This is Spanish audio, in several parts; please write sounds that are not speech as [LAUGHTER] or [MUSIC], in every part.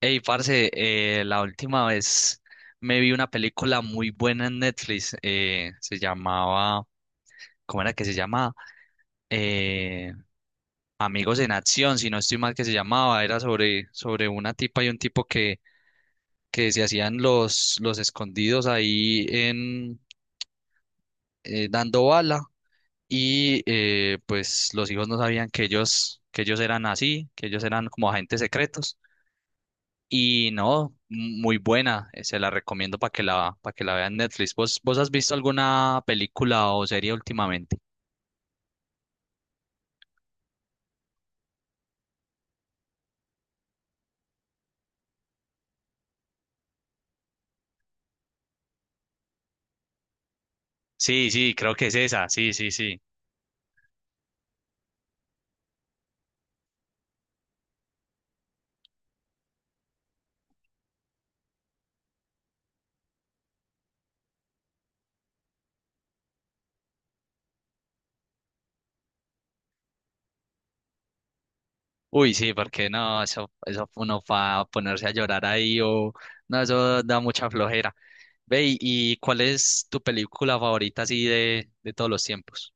Hey, parce, la última vez me vi una película muy buena en Netflix. Se llamaba, ¿cómo era que se llamaba? Eh, Amigos en Acción, si no estoy mal que se llamaba. Era sobre una tipa y un tipo que se hacían los escondidos ahí en dando bala. Y pues los hijos no sabían que ellos eran así, que ellos eran como agentes secretos. Y no, muy buena, se la recomiendo para que para que la vean en Netflix. ¿Vos has visto alguna película o serie últimamente? Sí, sí, creo que es esa, sí, sí, sí. Uy, sí, porque no, eso uno va a ponerse a llorar ahí o no, eso da mucha flojera. Ve, ¿y cuál es tu película favorita así de todos los tiempos?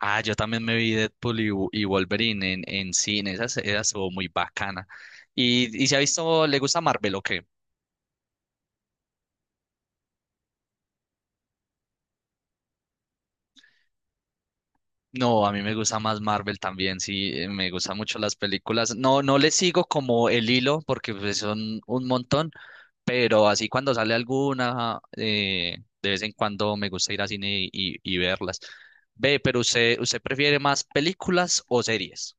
Ah, yo también me vi Deadpool y Wolverine en cine, esa estuvo muy bacana. Y se ha visto, le gusta Marvel o qué? No, a mí me gusta más Marvel también, sí, me gustan mucho las películas. No, no le sigo como el hilo porque pues, son un montón, pero así cuando sale alguna, de vez en cuando me gusta ir al cine y verlas. Ve, pero usted, ¿usted prefiere más películas o series?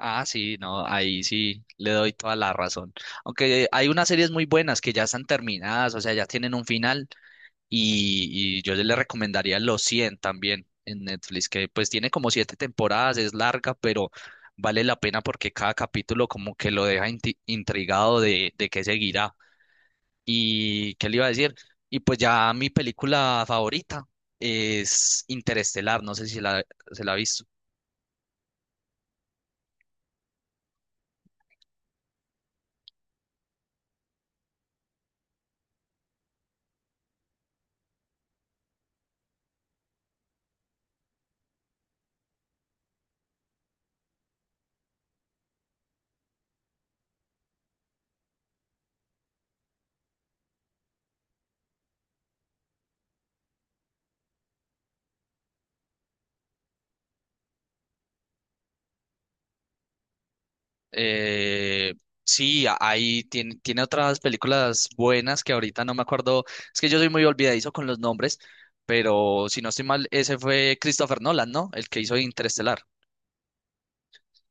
Ah, sí, no, ahí sí le doy toda la razón. Aunque hay unas series muy buenas que ya están terminadas, o sea, ya tienen un final y yo le recomendaría Los cien también en Netflix, que pues tiene como siete temporadas, es larga, pero vale la pena porque cada capítulo como que lo deja intrigado de qué seguirá. ¿Y qué le iba a decir? Y pues ya mi película favorita es Interestelar, no sé si se la ha visto. Eh, sí, ahí tiene otras películas buenas que ahorita no me acuerdo. Es que yo soy muy olvidadizo con los nombres, pero si no estoy mal, ese fue Christopher Nolan, ¿no? El que hizo Interestelar.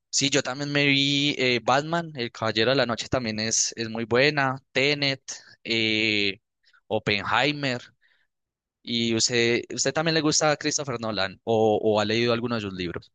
Sí, yo también me vi Batman, El Caballero de la Noche también es muy buena, Tenet, eh, Oppenheimer. ¿Y usted también le gusta a Christopher Nolan o, ha leído alguno de sus libros?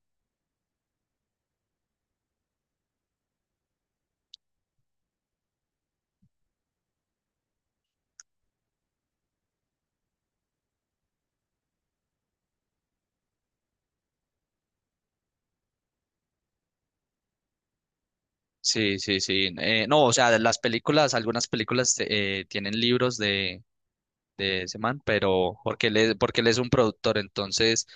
Sí, sí, sí. No, o sea, de las películas, algunas películas tienen libros de ese man, pero porque él es un productor, entonces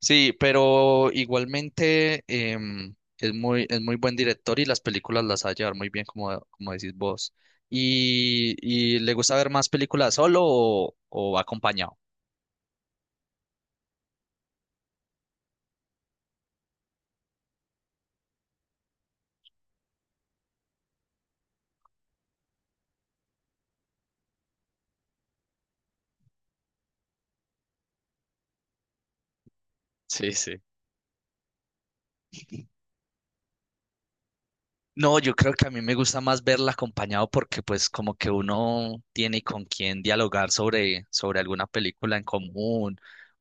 sí, pero igualmente es es muy buen director y las películas las sabe llevar muy bien, como, como decís vos. Y le gusta ver más películas solo o, acompañado? Sí, sí. No, yo creo que a mí me gusta más verla acompañado porque pues como que uno tiene con quién dialogar sobre alguna película en común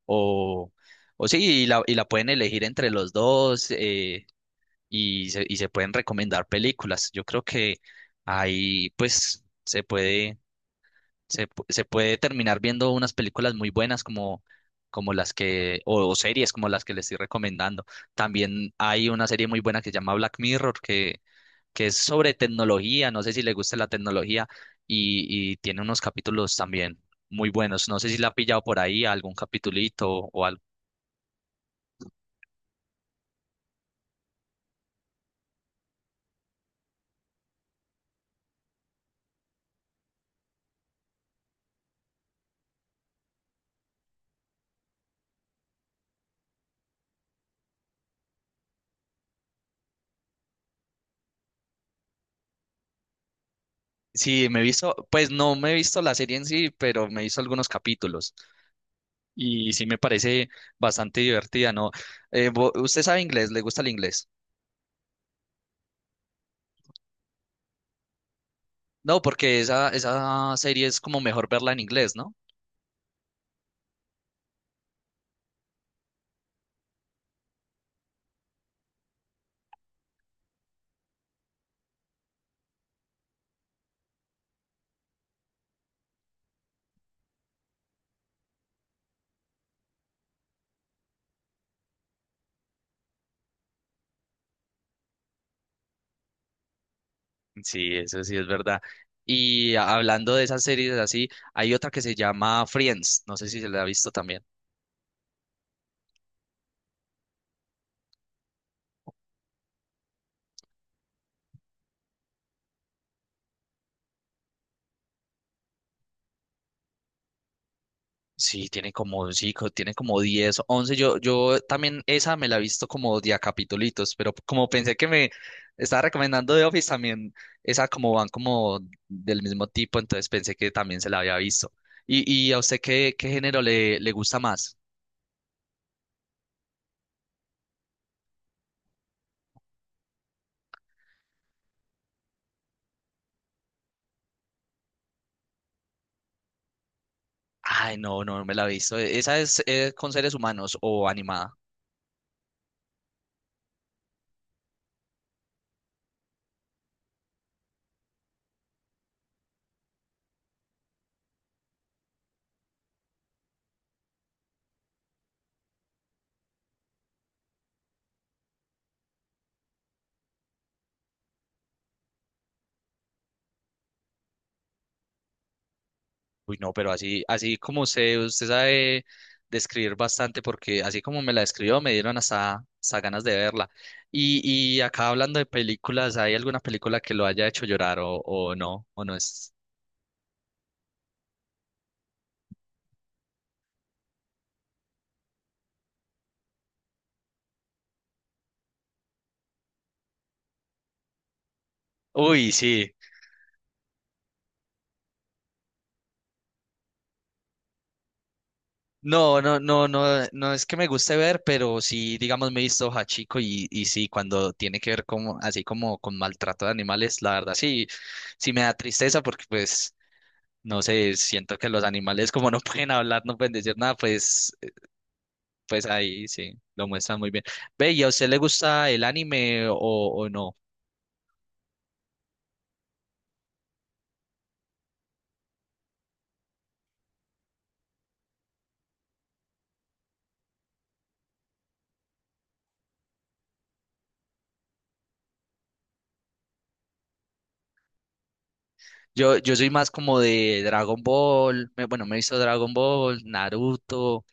o, o sí, y la pueden elegir entre los dos. Y y se pueden recomendar películas. Yo creo que ahí pues se se puede terminar viendo unas películas muy buenas como las o series como las que le estoy recomendando. También hay una serie muy buena que se llama Black Mirror, que es sobre tecnología, no sé si le gusta la tecnología, y tiene unos capítulos también muy buenos. No sé si la ha pillado por ahí algún capitulito o algo. Sí, me he visto, pues no me he visto la serie en sí, pero me he visto algunos capítulos. Y sí me parece bastante divertida, ¿no? ¿Usted sabe inglés? ¿Le gusta el inglés? No, porque esa serie es como mejor verla en inglés, ¿no? Sí, eso sí es verdad. Y hablando de esas series así, hay otra que se llama Friends, no sé si se la ha visto también. Sí, tiene como, sí, tiene como 10, 11. Yo también esa me la he visto como de a capitulitos, pero como pensé que me estaba recomendando The Office, también esa como van como del mismo tipo, entonces pensé que también se la había visto. Y a usted qué, qué género le gusta más? Ay, no, no no me la he visto. ¿Esa es con seres humanos o animada? Uy, no, pero así, así como usted sabe describir bastante, porque así como me la describió, me dieron hasta ganas de verla. Y acá hablando de películas, ¿hay alguna película que lo haya hecho llorar o no? ¿O no es? Uy, sí. No, no, no, no, no es que me guste ver, pero sí, digamos, me he visto Hachiko y sí, cuando tiene que ver como, así como con maltrato de animales, la verdad sí, sí me da tristeza porque pues, no sé, siento que los animales como no [LAUGHS] pueden hablar, no pueden decir nada, pues pues ahí sí, lo muestran muy bien. Ve, ¿y a usted le gusta el anime o no? Yo soy más como de Dragon Ball, bueno, me he visto Dragon Ball, Naruto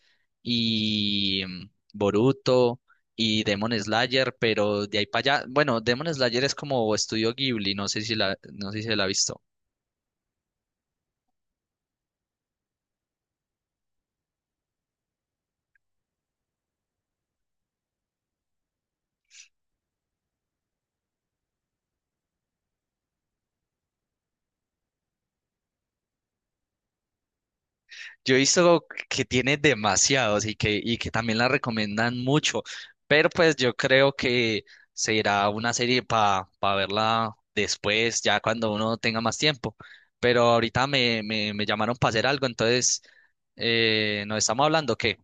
y Boruto y Demon Slayer, pero de ahí para allá, bueno, Demon Slayer es como estudio Ghibli, no sé si no sé si la ha visto. Yo he visto que tiene demasiados y que también la recomiendan mucho, pero pues yo creo que será una serie para verla después, ya cuando uno tenga más tiempo. Pero ahorita me llamaron para hacer algo, entonces nos estamos hablando, ¿qué?